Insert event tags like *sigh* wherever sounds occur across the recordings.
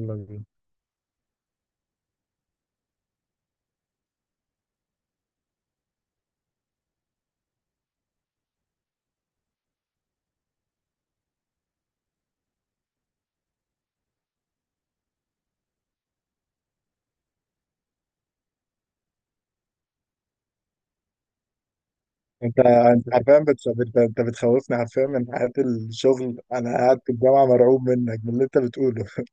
يلا بينا. انت حرفيا انت بتخوفني حرفيا من حياة الشغل. انا قاعد في الجامعة مرعوب منك، من اللي انت بتقوله *laughs*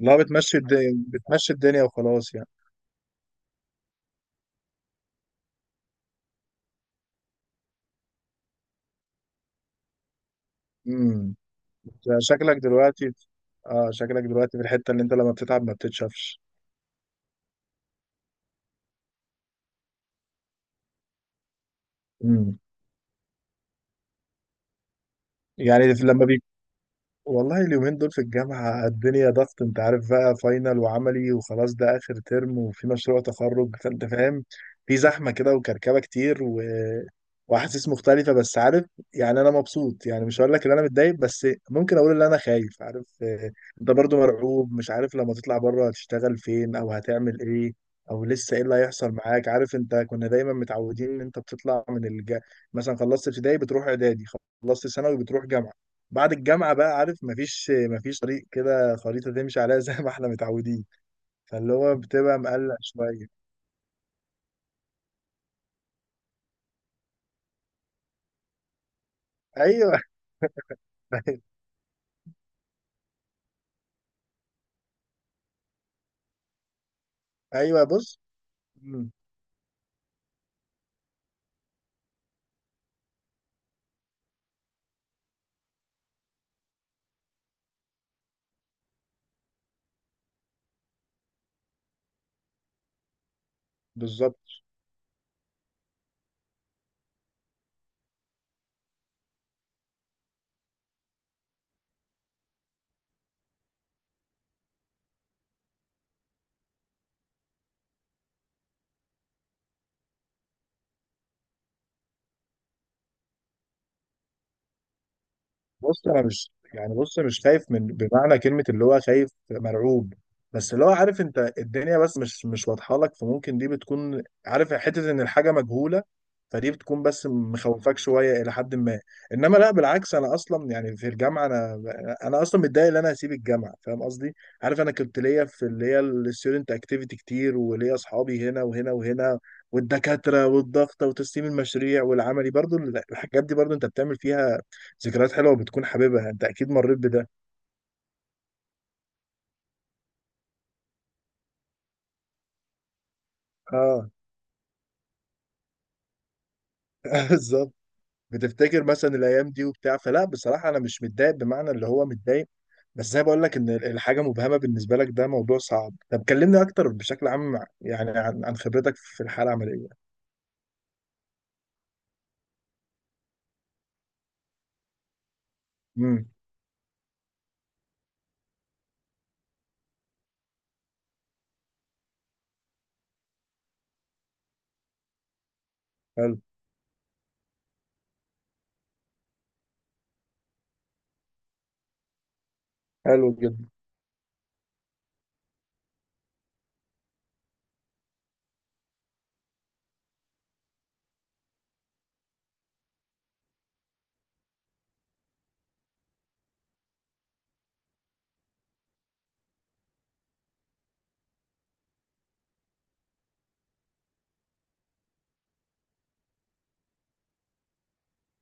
لا، بتمشي الدنيا، بتمشي الدنيا وخلاص يعني. امم شكلك دلوقتي، اه شكلك دلوقتي في الحتة اللي انت لما بتتعب ما بتتشافش. امم يعني لما والله اليومين دول في الجامعة الدنيا ضغط، انت عارف بقى، فاينل وعملي وخلاص، ده آخر ترم وفي مشروع تخرج، فانت فاهم. في زحمة كده وكركبة كتير وأحاسيس مختلفة بس عارف. يعني أنا مبسوط، يعني مش هقول لك إن أنا متضايق، بس ممكن أقول إن أنا خايف، عارف، أنت برضو مرعوب. مش عارف لما تطلع بره هتشتغل فين أو هتعمل إيه، أو لسه إيه اللي هيحصل معاك، عارف. أنت كنا دايما متعودين إن أنت بتطلع مثلا خلصت ابتدائي بتروح إعدادي، خلصت ثانوي بتروح جامعة. بعد الجامعة بقى عارف، مفيش طريق كده، خريطة تمشي عليها *laughs* زي ما احنا متعودين. فاللي هو بتبقى مقلق شوية. ايوه. *laughs* ايوه، بص. مم، بالظبط. بص، انا مش يعني، بص مش خايف من بمعنى كلمه اللي هو خايف مرعوب، بس اللي هو، عارف انت الدنيا بس مش واضحه لك، فممكن دي بتكون، عارف، حته ان الحاجه مجهوله. فدي بتكون بس مخوفاك شويه الى حد ما. انما لا، بالعكس، انا اصلا يعني في الجامعه، انا اصلا متضايق ان انا هسيب الجامعه، فاهم قصدي. عارف انا كنت ليا في اللي هي الستودنت اكتيفيتي كتير، وليا اصحابي هنا وهنا وهنا، والدكاتره والضغطه وتسليم المشاريع والعملي برضو. الحاجات دي برضو انت بتعمل فيها ذكريات حلوه، بتكون حاببها، انت اكيد مريت بده. اه. *laughs* بالظبط. بتفتكر مثلا الايام دي وبتاع، فلا بصراحه انا مش متضايق بمعنى اللي هو متضايق، بس زي ما بقول لك ان الحاجه مبهمه بالنسبه لك، ده موضوع صعب. طب كلمني اكتر بشكل عام يعني، عن خبرتك في الحاله العمليه. امم حلو. حلو جدا.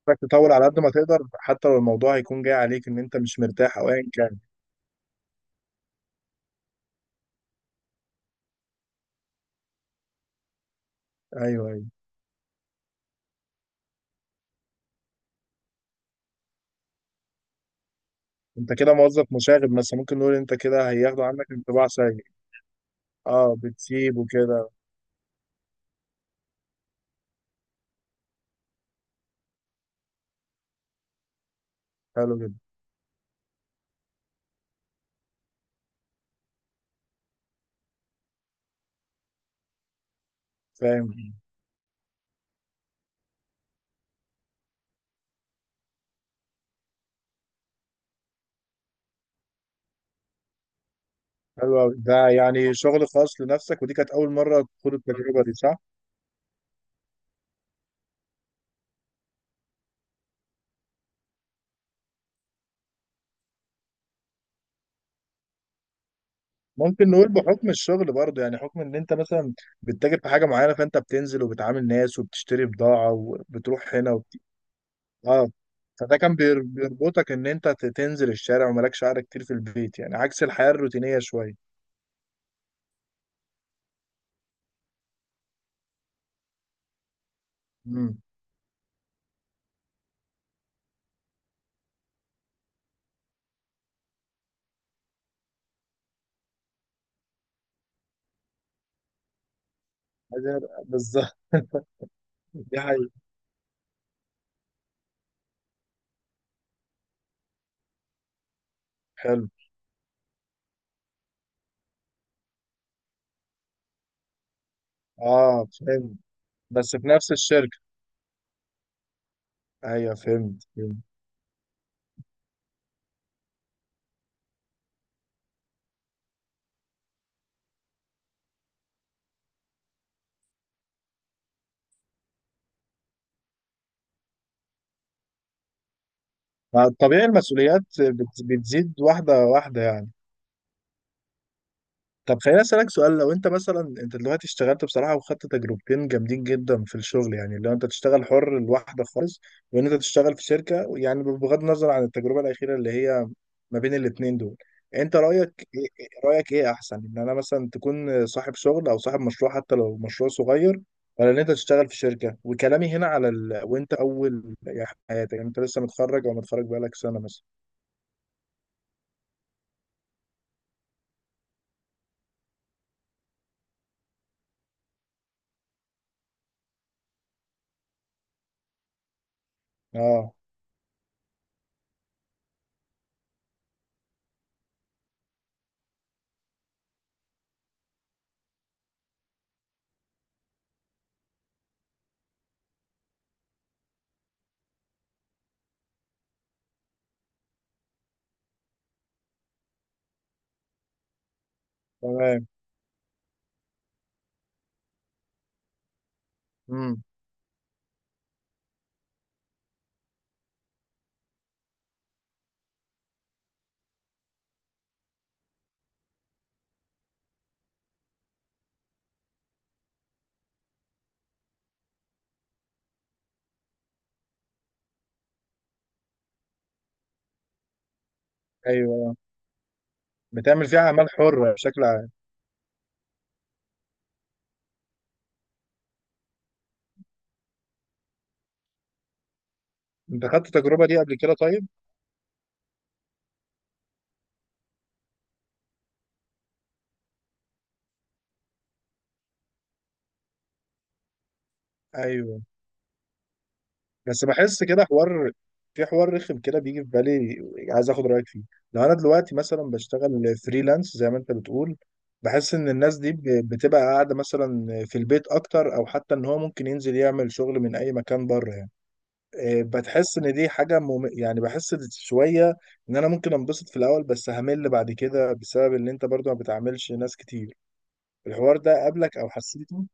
انك تطور على قد ما تقدر حتى لو الموضوع هيكون جاي عليك ان انت مش مرتاح او ايا كان. ايوه، ايوه. انت كده موظف مشاغب، بس ممكن نقول انت كده هياخدوا عنك انطباع سيء. اه، بتسيب وكده. حلو جدا. فاهم. حلو أوي، ده يعني شغل خاص لنفسك، ودي كانت أول مرة تخوض التجربة دي، صح؟ ممكن نقول بحكم الشغل برضه، يعني حكم إن أنت مثلا بتتاجر في حاجة معينة، فأنت بتنزل وبتعامل ناس وبتشتري بضاعة وبتروح هنا آه. فده كان بيربطك إن أنت تنزل الشارع ومالكش قعدة كتير في البيت، يعني عكس الحياة الروتينية شوية. امم بالظبط. *laughs* دي حقيقة. حلو. آه، فهمت. بس في نفس الشركة. أيوه، فهمت، فهمت. طبيعي المسؤوليات بتزيد واحدة واحدة يعني. طب خليني اسالك سؤال، لو انت مثلا، انت دلوقتي اشتغلت بصراحه وخدت تجربتين جامدين جدا في الشغل، يعني لو انت تشتغل حر لوحدك خالص، وان انت تشتغل في شركه، يعني بغض النظر عن التجربه الاخيره اللي هي ما بين الاثنين دول، انت رايك ايه، رايك ايه احسن، ان انا مثلا تكون صاحب شغل او صاحب مشروع حتى لو مشروع صغير، ولا ان انت تشتغل في شركه؟ وكلامي هنا على وانت اول يعني حياتك، يعني انت لسه متخرج او متخرج بقالك سنه مثلا. اه. تمام. امم ايوه. بتعمل فيها اعمال حره بشكل. انت خدت التجربه دي قبل كده طيب؟ ايوه. بس بحس كده حوار، في حوار رخم كده بيجي في بالي، عايز اخد رايك فيه. لو انا دلوقتي مثلا بشتغل فريلانس زي ما انت بتقول، بحس ان الناس دي بتبقى قاعده مثلا في البيت اكتر، او حتى ان هو ممكن ينزل يعمل شغل من اي مكان بره يعني. بتحس ان دي حاجه يعني بحس شويه ان انا ممكن انبسط في الاول، بس همل بعد كده، بسبب ان انت برضو ما بتعملش ناس كتير. الحوار ده قابلك او حسيته؟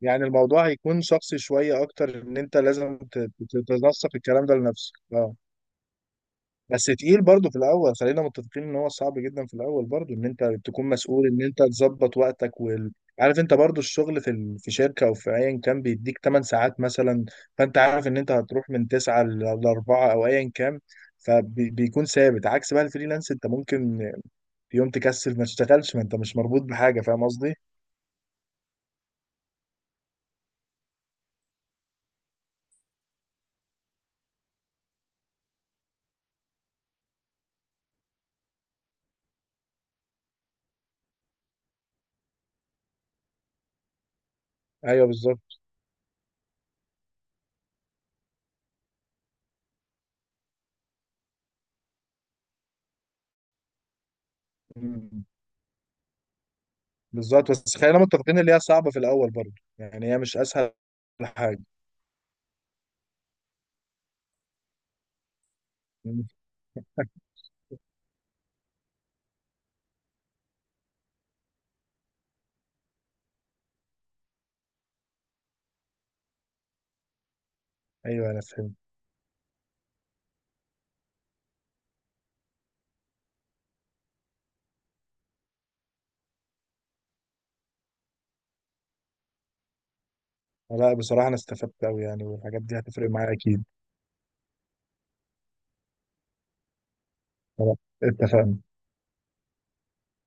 يعني الموضوع هيكون شخصي شوية أكتر، إن أنت لازم تنسق الكلام ده لنفسك. أه. بس تقيل برضه في الأول، خلينا متفقين إن هو صعب جدا في الأول برضه، إن أنت تكون مسؤول إن أنت تظبط وقتك عارف. أنت برضه الشغل في في شركة أو في أيا كان بيديك 8 ساعات مثلا، فأنت عارف إن أنت هتروح من 9 ل 4 أو أيا كان، فبيكون ثابت، عكس بقى الفريلانس. أنت ممكن في يوم تكسل ما تشتغلش، ما أنت مش مربوط بحاجة، فاهم قصدي؟ أيوه. بالظبط. بالظبط، بس خلينا متفقين اللي هي صعبة في الأول برضه، يعني هي مش أسهل حاجة. مم. أيوه، أنا فهمت. لا، بصراحة أنا استفدت أوي يعني، والحاجات دي هتفرق معايا أكيد. خلاص، اتفقنا.